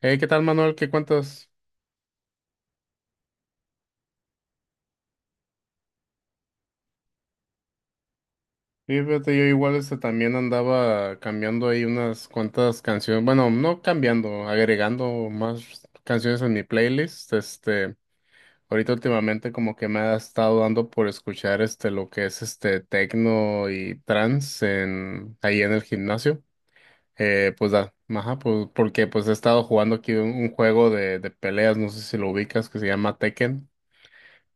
Hey, ¿qué tal, Manuel? ¿Qué cuentas? Sí, fíjate, yo igual también andaba cambiando ahí unas cuantas canciones, bueno, no cambiando, agregando más canciones en mi playlist. Ahorita últimamente como que me ha estado dando por escuchar lo que es este techno y trance en ahí en el gimnasio. Pues da, ajá, pues porque pues he estado jugando aquí un juego de peleas, no sé si lo ubicas, que se llama Tekken.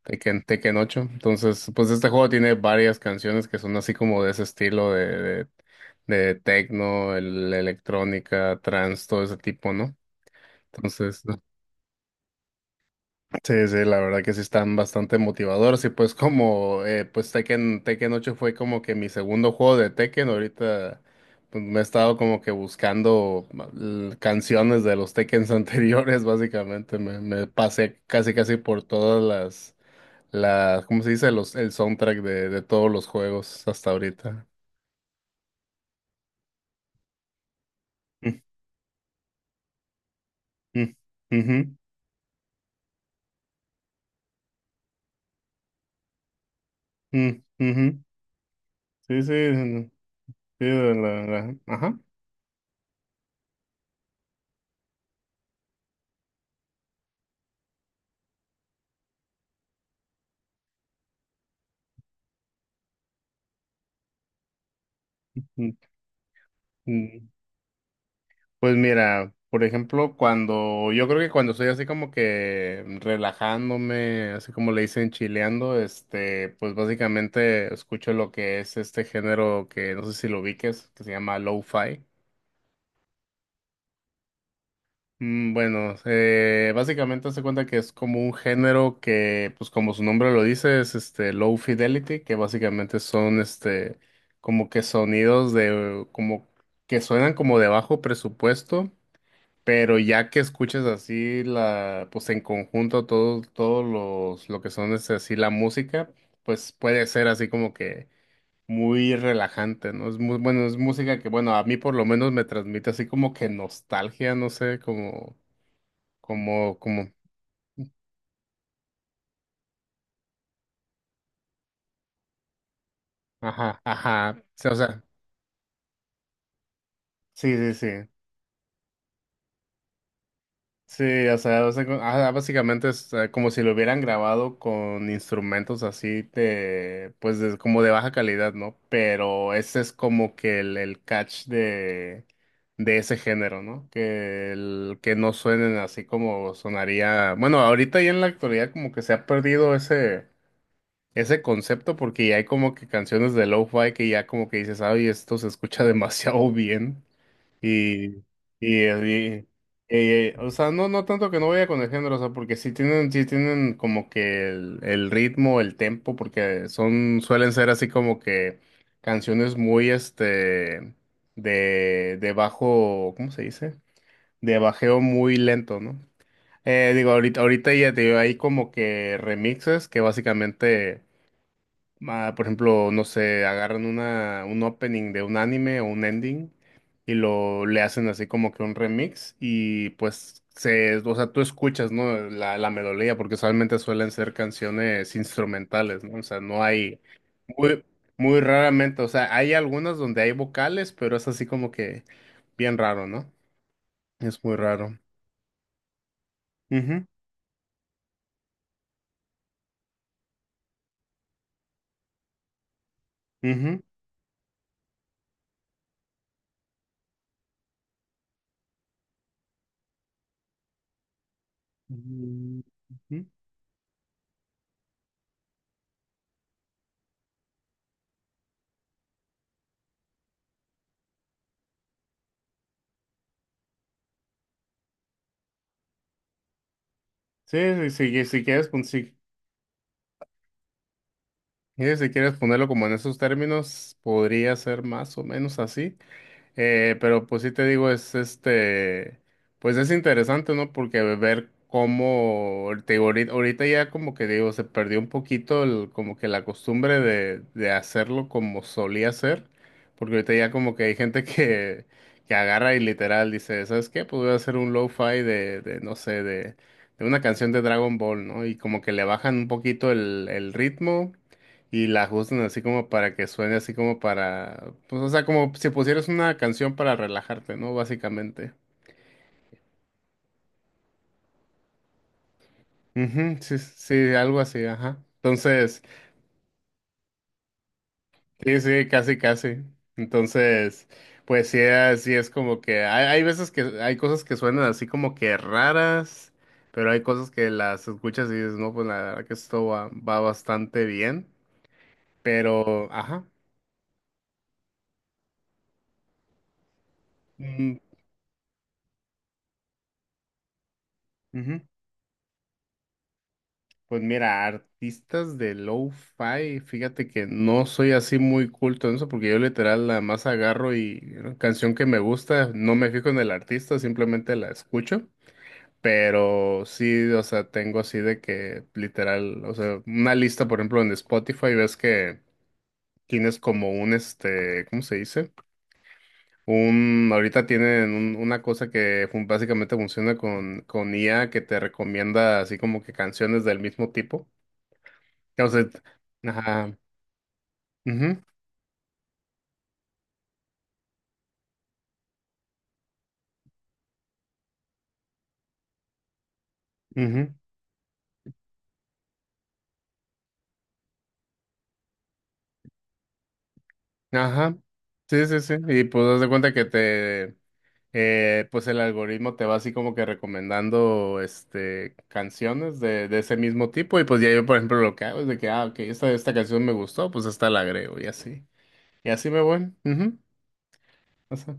Tekken 8. Entonces, pues este juego tiene varias canciones que son así como de ese estilo de, de tecno, electrónica, trance, todo ese tipo, ¿no? Entonces, sí, sí, la verdad que sí están bastante motivadores y pues como, pues Tekken 8 fue como que mi segundo juego de Tekken. Ahorita, pues, me he estado como que buscando canciones de los Tekkens anteriores. Básicamente, me pasé casi casi por todas ¿cómo se dice? El soundtrack de todos los juegos hasta ahorita. Mm, mm, ujú, mm, ujú. Sí, sí, mm, sí, ajá. Mm, mm. Pues mira, por ejemplo, cuando, yo creo que cuando estoy así como que relajándome, así como le dicen chileando, pues básicamente escucho lo que es este género que no sé si lo ubiques, que se llama lo-fi. Mm. Bueno, básicamente hace cuenta que es como un género que, pues como su nombre lo dice, es este low fidelity, que básicamente son como que sonidos de como que suenan como de bajo presupuesto, pero ya que escuchas así la, pues en conjunto todos los lo que son así la música, pues puede ser así como que muy relajante, ¿no? Es muy bueno, es música que bueno a mí por lo menos me transmite así como que nostalgia, no sé, como como, ajá, ajá, sí, o sea, sí, sí, sí, sí, o sea, ajá, básicamente es como si lo hubieran grabado con instrumentos así de, pues, como de baja calidad, ¿no? Pero ese es como que el catch de ese género, ¿no? Que, que no suenen así como sonaría, bueno, ahorita y en la actualidad como que se ha perdido ese ese concepto, porque ya hay como que canciones de lo-fi que ya como que dices, ay, esto se escucha demasiado bien. Y, y, eh, o sea, no, no tanto que no vaya con el género, o sea, porque sí tienen como que el ritmo, el tempo, porque son, suelen ser así como que canciones muy, de bajo, ¿cómo se dice? De bajeo muy lento, ¿no? Digo, ahorita ya te digo, hay como que remixes que básicamente, ah, por ejemplo, no sé, agarran una, un opening de un anime o un ending y lo le hacen así como que un remix y pues se, o sea, tú escuchas, ¿no? La melodía, porque solamente suelen ser canciones instrumentales, ¿no? O sea, no hay muy, muy raramente, o sea, hay algunas donde hay vocales, pero es así como que bien raro, ¿no? Es muy raro. Ujú, ujú. Mm, ujú. Sí, sí, sí, si quieres, si quieres ponerlo como en esos términos, podría ser más o menos así. Pero pues sí te digo, es pues es interesante, ¿no? Porque ver cómo, te digo, ahorita ya como que digo, se perdió un poquito como que la costumbre de hacerlo como solía ser, porque ahorita ya como que hay gente que agarra y literal dice, ¿sabes qué? Pues voy a hacer un lo-fi de, no sé, de una canción de Dragon Ball, ¿no? Y como que le bajan un poquito el ritmo y la ajustan así como para que suene así como para, pues o sea, como si pusieras una canción para relajarte, ¿no? Básicamente. Ujú, sí, sí, algo así, ajá. Entonces, sí, sí, casi, casi. Entonces, pues sí, así es como que hay veces que hay cosas que suenan así como que raras, pero hay cosas que las escuchas y dices, no, pues la verdad que esto va bastante bien, pero, ajá. Mm, ujú. Pues mira, artistas de lo-fi, fíjate que no soy así muy culto en eso, porque yo literal la más agarro y una canción que me gusta, no me fijo en el artista, simplemente la escucho. Pero sí, o sea, tengo así de que literal, o sea, una lista, por ejemplo, en Spotify, ves que tienes como un, ¿cómo se dice? Ahorita tienen una cosa que básicamente funciona con, IA que te recomienda así como que canciones del mismo tipo. O sea, ajá, ujú, ujú, ajá, sí, sí, sí, y pues das de cuenta que te, pues el algoritmo te va así como que recomendando, canciones de, ese mismo tipo, y pues ya yo, por ejemplo, lo que hago es de que, ah, ok, esta canción me gustó, pues esta la agrego, y así me voy, ujú, o sea.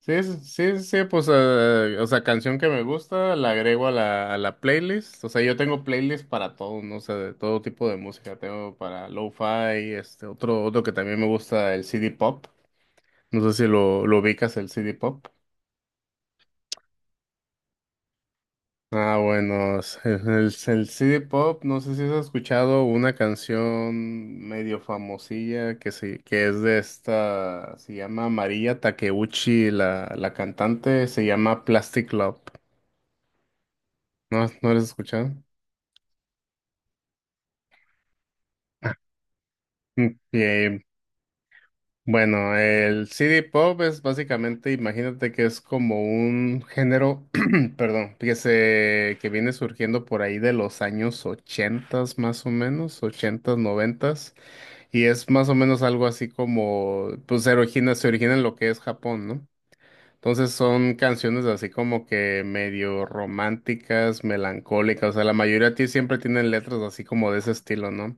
Sí, sí, sí, sí, sí, pues, o sea, canción que me gusta, la agrego a a la playlist. O sea, yo tengo playlist para todo, ¿no? O sea, de todo tipo de música. Tengo para lo-fi, otro que también me gusta, el CD pop. No sé si lo ubicas, el CD pop. Ah, bueno, el CD pop, no sé si has escuchado una canción medio famosilla que sí, que es de esta, se llama María Takeuchi, la cantante, se llama Plastic Love. ¿No, no lo has escuchado? Mm. Bueno el CD Pop es básicamente, imagínate que es como un género, perdón, que viene surgiendo por ahí de los años 80 más o menos, 80, 90, y es más o menos algo así como, pues se origina en lo que es Japón, ¿no? Entonces son canciones así como que medio románticas, melancólicas, o sea, la mayoría de ti siempre tienen letras así como de ese estilo, ¿no?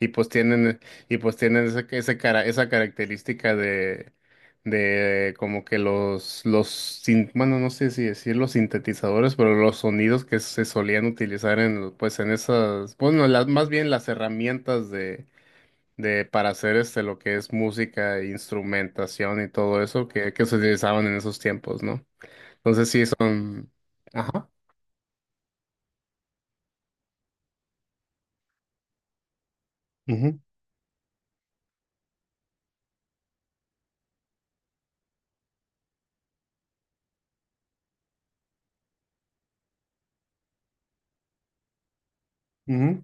Y pues tienen, y pues tienen ese, cara, esa característica de como que los, bueno, no sé si decir los sintetizadores, pero los sonidos que se solían utilizar en, pues en esas, bueno, más bien las herramientas de para hacer lo que es música, instrumentación y todo eso que se utilizaban en esos tiempos, ¿no? Entonces sí son. Ajá. Ujú, ujú,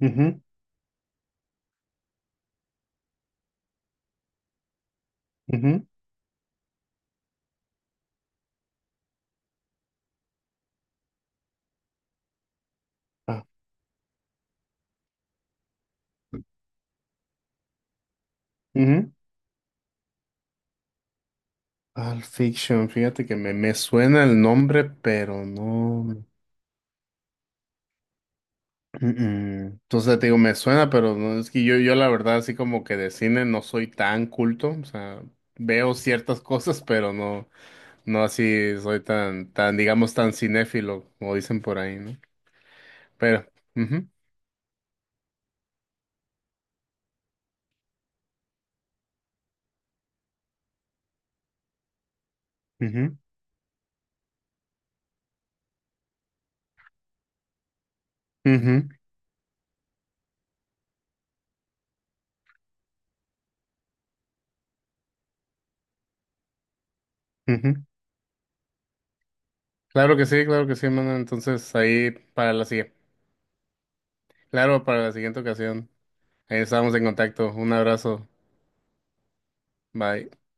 ujú, ujú. Ah, ujú. Pulp Fiction, fíjate que me suena el nombre, pero no. Mm. Entonces te digo, me suena, pero no es que yo la verdad, así como que de cine no soy tan culto. O sea, veo ciertas cosas, pero no, no así soy tan, digamos, tan cinéfilo, como dicen por ahí, ¿no? Pero, ujú, ujú, ujú, ujú. Claro que sí, hermano. Entonces, ahí para la siguiente, claro, para la siguiente ocasión. Ahí estamos en contacto. Un abrazo. Bye.